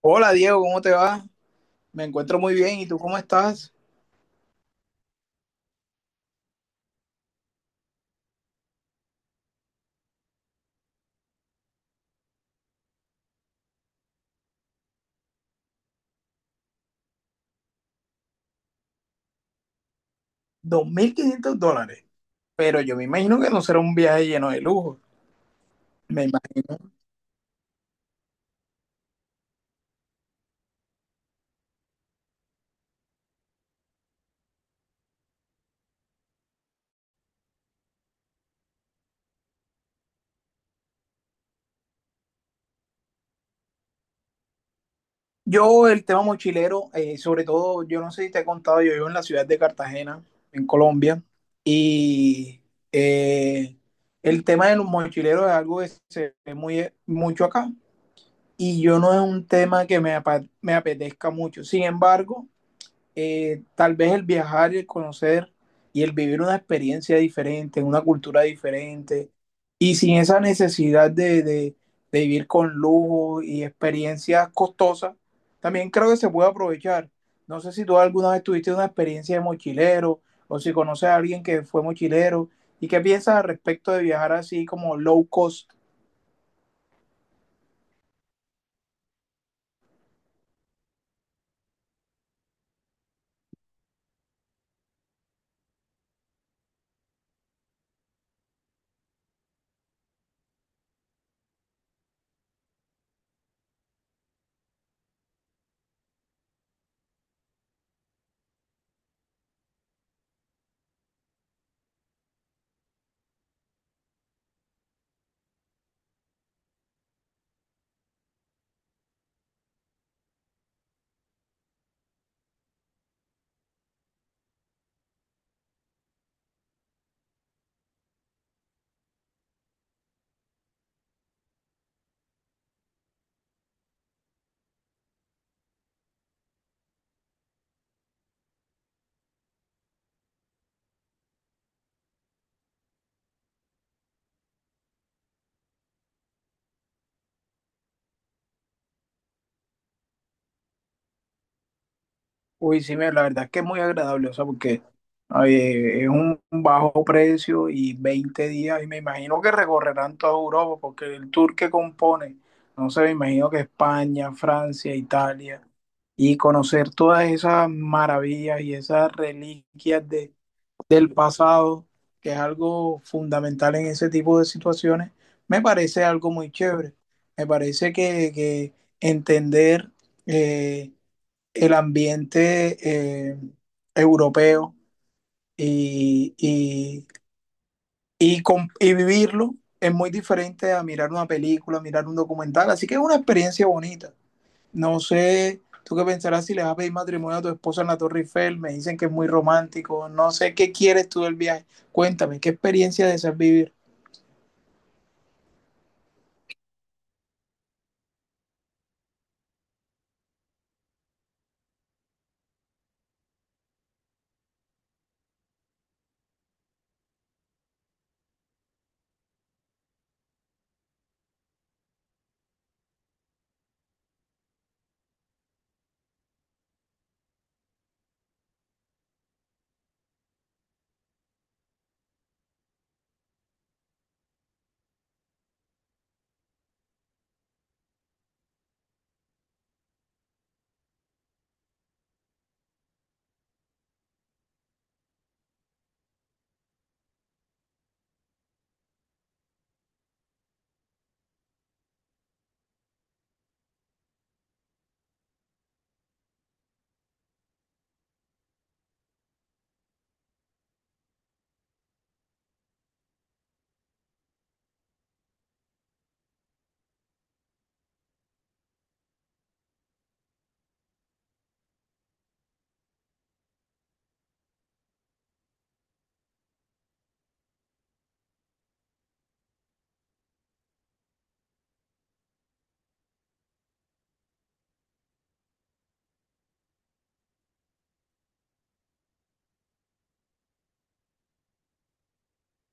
Hola Diego, ¿cómo te va? Me encuentro muy bien. ¿Y tú cómo estás? 2.500 dólares. Pero yo me imagino que no será un viaje lleno de lujo. Me imagino. Yo, el tema mochilero, sobre todo, yo no sé si te he contado, yo vivo en la ciudad de Cartagena, en Colombia. Y eh, el tema de los mochileros es algo que se ve muy, mucho acá. Y yo no es un tema que me, me apetezca mucho. Sin embargo, tal vez el viajar y el conocer y el vivir una experiencia diferente, en una cultura diferente, y sin esa necesidad de, de vivir con lujo y experiencias costosas, también creo que se puede aprovechar. No sé si tú alguna vez tuviste una experiencia de mochilero o si conoces a alguien que fue mochilero y qué piensas al respecto de viajar así como low cost. Uy, sí, mira, la verdad es que es muy agradable, o sea, porque es un bajo precio y 20 días, y me imagino que recorrerán toda Europa, porque el tour que compone, no sé, me imagino que España, Francia, Italia, y conocer todas esas maravillas y esas reliquias de, del pasado, que es algo fundamental en ese tipo de situaciones, me parece algo muy chévere. Me parece que entender eh, el ambiente eh, europeo y, y, y vivirlo es muy diferente a mirar una película, mirar un documental. Así que es una experiencia bonita. No sé, tú qué pensarás si les vas a pedir matrimonio a tu esposa en la Torre Eiffel. Me dicen que es muy romántico. No sé qué quieres tú del viaje. Cuéntame, ¿qué experiencia deseas vivir?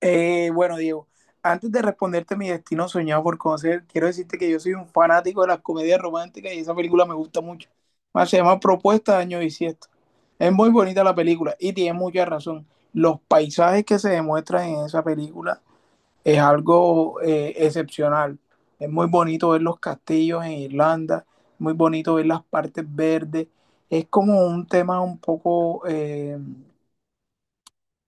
Bueno, Diego, antes de responderte mi destino soñado por conocer, quiero decirte que yo soy un fanático de las comedias románticas y esa película me gusta mucho. Más, se llama Propuesta de Año Bisiesto. Es muy bonita la película y tiene mucha razón. Los paisajes que se demuestran en esa película es algo excepcional. Es muy bonito ver los castillos en Irlanda, muy bonito ver las partes verdes. Es como un tema un poco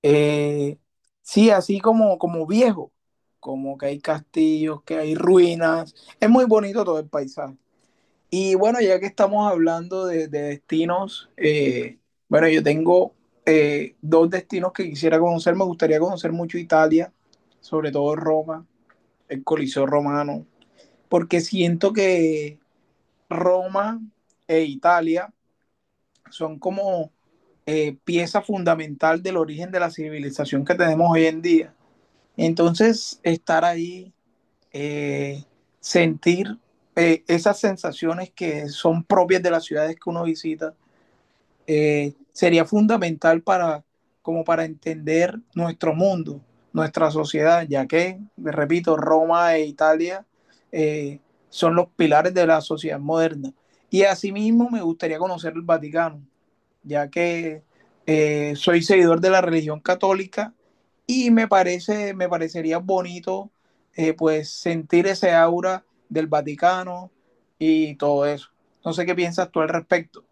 eh, sí, así como viejo, como que hay castillos, que hay ruinas. Es muy bonito todo el paisaje. Y bueno, ya que estamos hablando de destinos, bueno, yo tengo dos destinos que quisiera conocer. Me gustaría conocer mucho Italia, sobre todo Roma, el Coliseo romano, porque siento que Roma e Italia son como pieza fundamental del origen de la civilización que tenemos hoy en día. Entonces, estar ahí, eh, sentir esas sensaciones que son propias de las ciudades que uno visita, sería fundamental para, como para entender nuestro mundo, nuestra sociedad, ya que, repito, Roma e Italia eh, son los pilares de la sociedad moderna. Y asimismo me gustaría conocer el Vaticano, ya que soy seguidor de la religión católica y me parecería bonito, pues, sentir ese aura del Vaticano y todo eso. No sé qué piensas tú al respecto.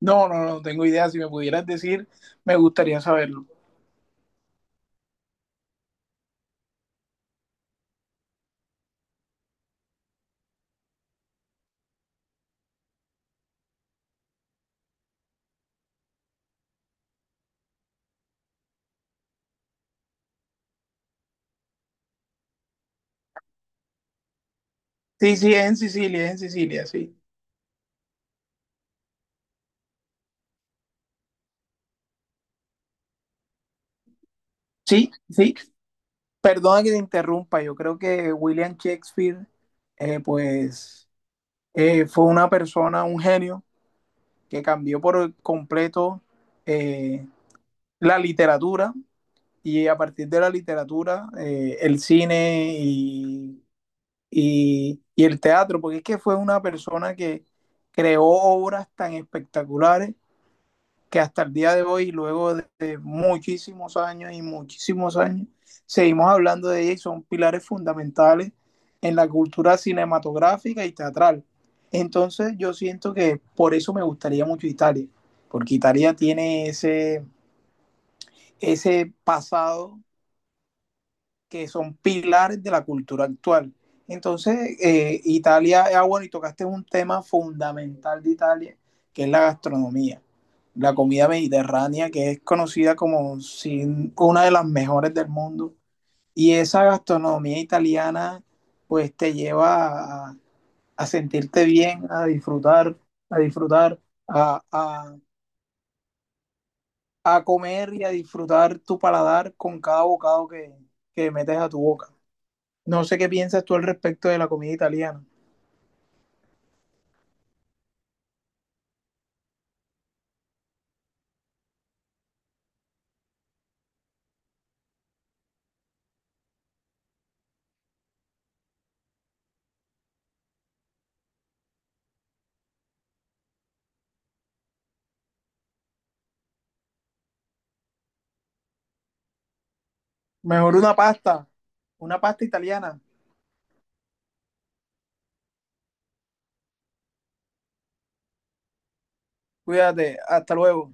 No, no, no tengo idea. Si me pudieras decir, me gustaría saberlo. Sí, sí, es en Sicilia, sí. Sí, sí. Perdona que te interrumpa. Yo creo que William Shakespeare, eh, pues, fue una persona, un genio, que cambió por completo eh, la literatura, y a partir de la literatura, el cine y el teatro, porque es que fue una persona que creó obras tan espectaculares que hasta el día de hoy, luego de muchísimos años y muchísimos años, seguimos hablando de ella y son pilares fundamentales en la cultura cinematográfica y teatral. Entonces, yo siento que por eso me gustaría mucho Italia, porque Italia tiene ese, ese pasado que son pilares de la cultura actual. Entonces, Italia, ah, bueno, y tocaste un tema fundamental de Italia, que es la gastronomía, la comida mediterránea, que es conocida como una de las mejores del mundo. Y esa gastronomía italiana pues te lleva a sentirte bien, a disfrutar, a disfrutar, a, a- a comer y a disfrutar tu paladar con cada bocado que metes a tu boca. No sé qué piensas tú al respecto de la comida italiana. Mejor una pasta italiana. Cuídate, hasta luego.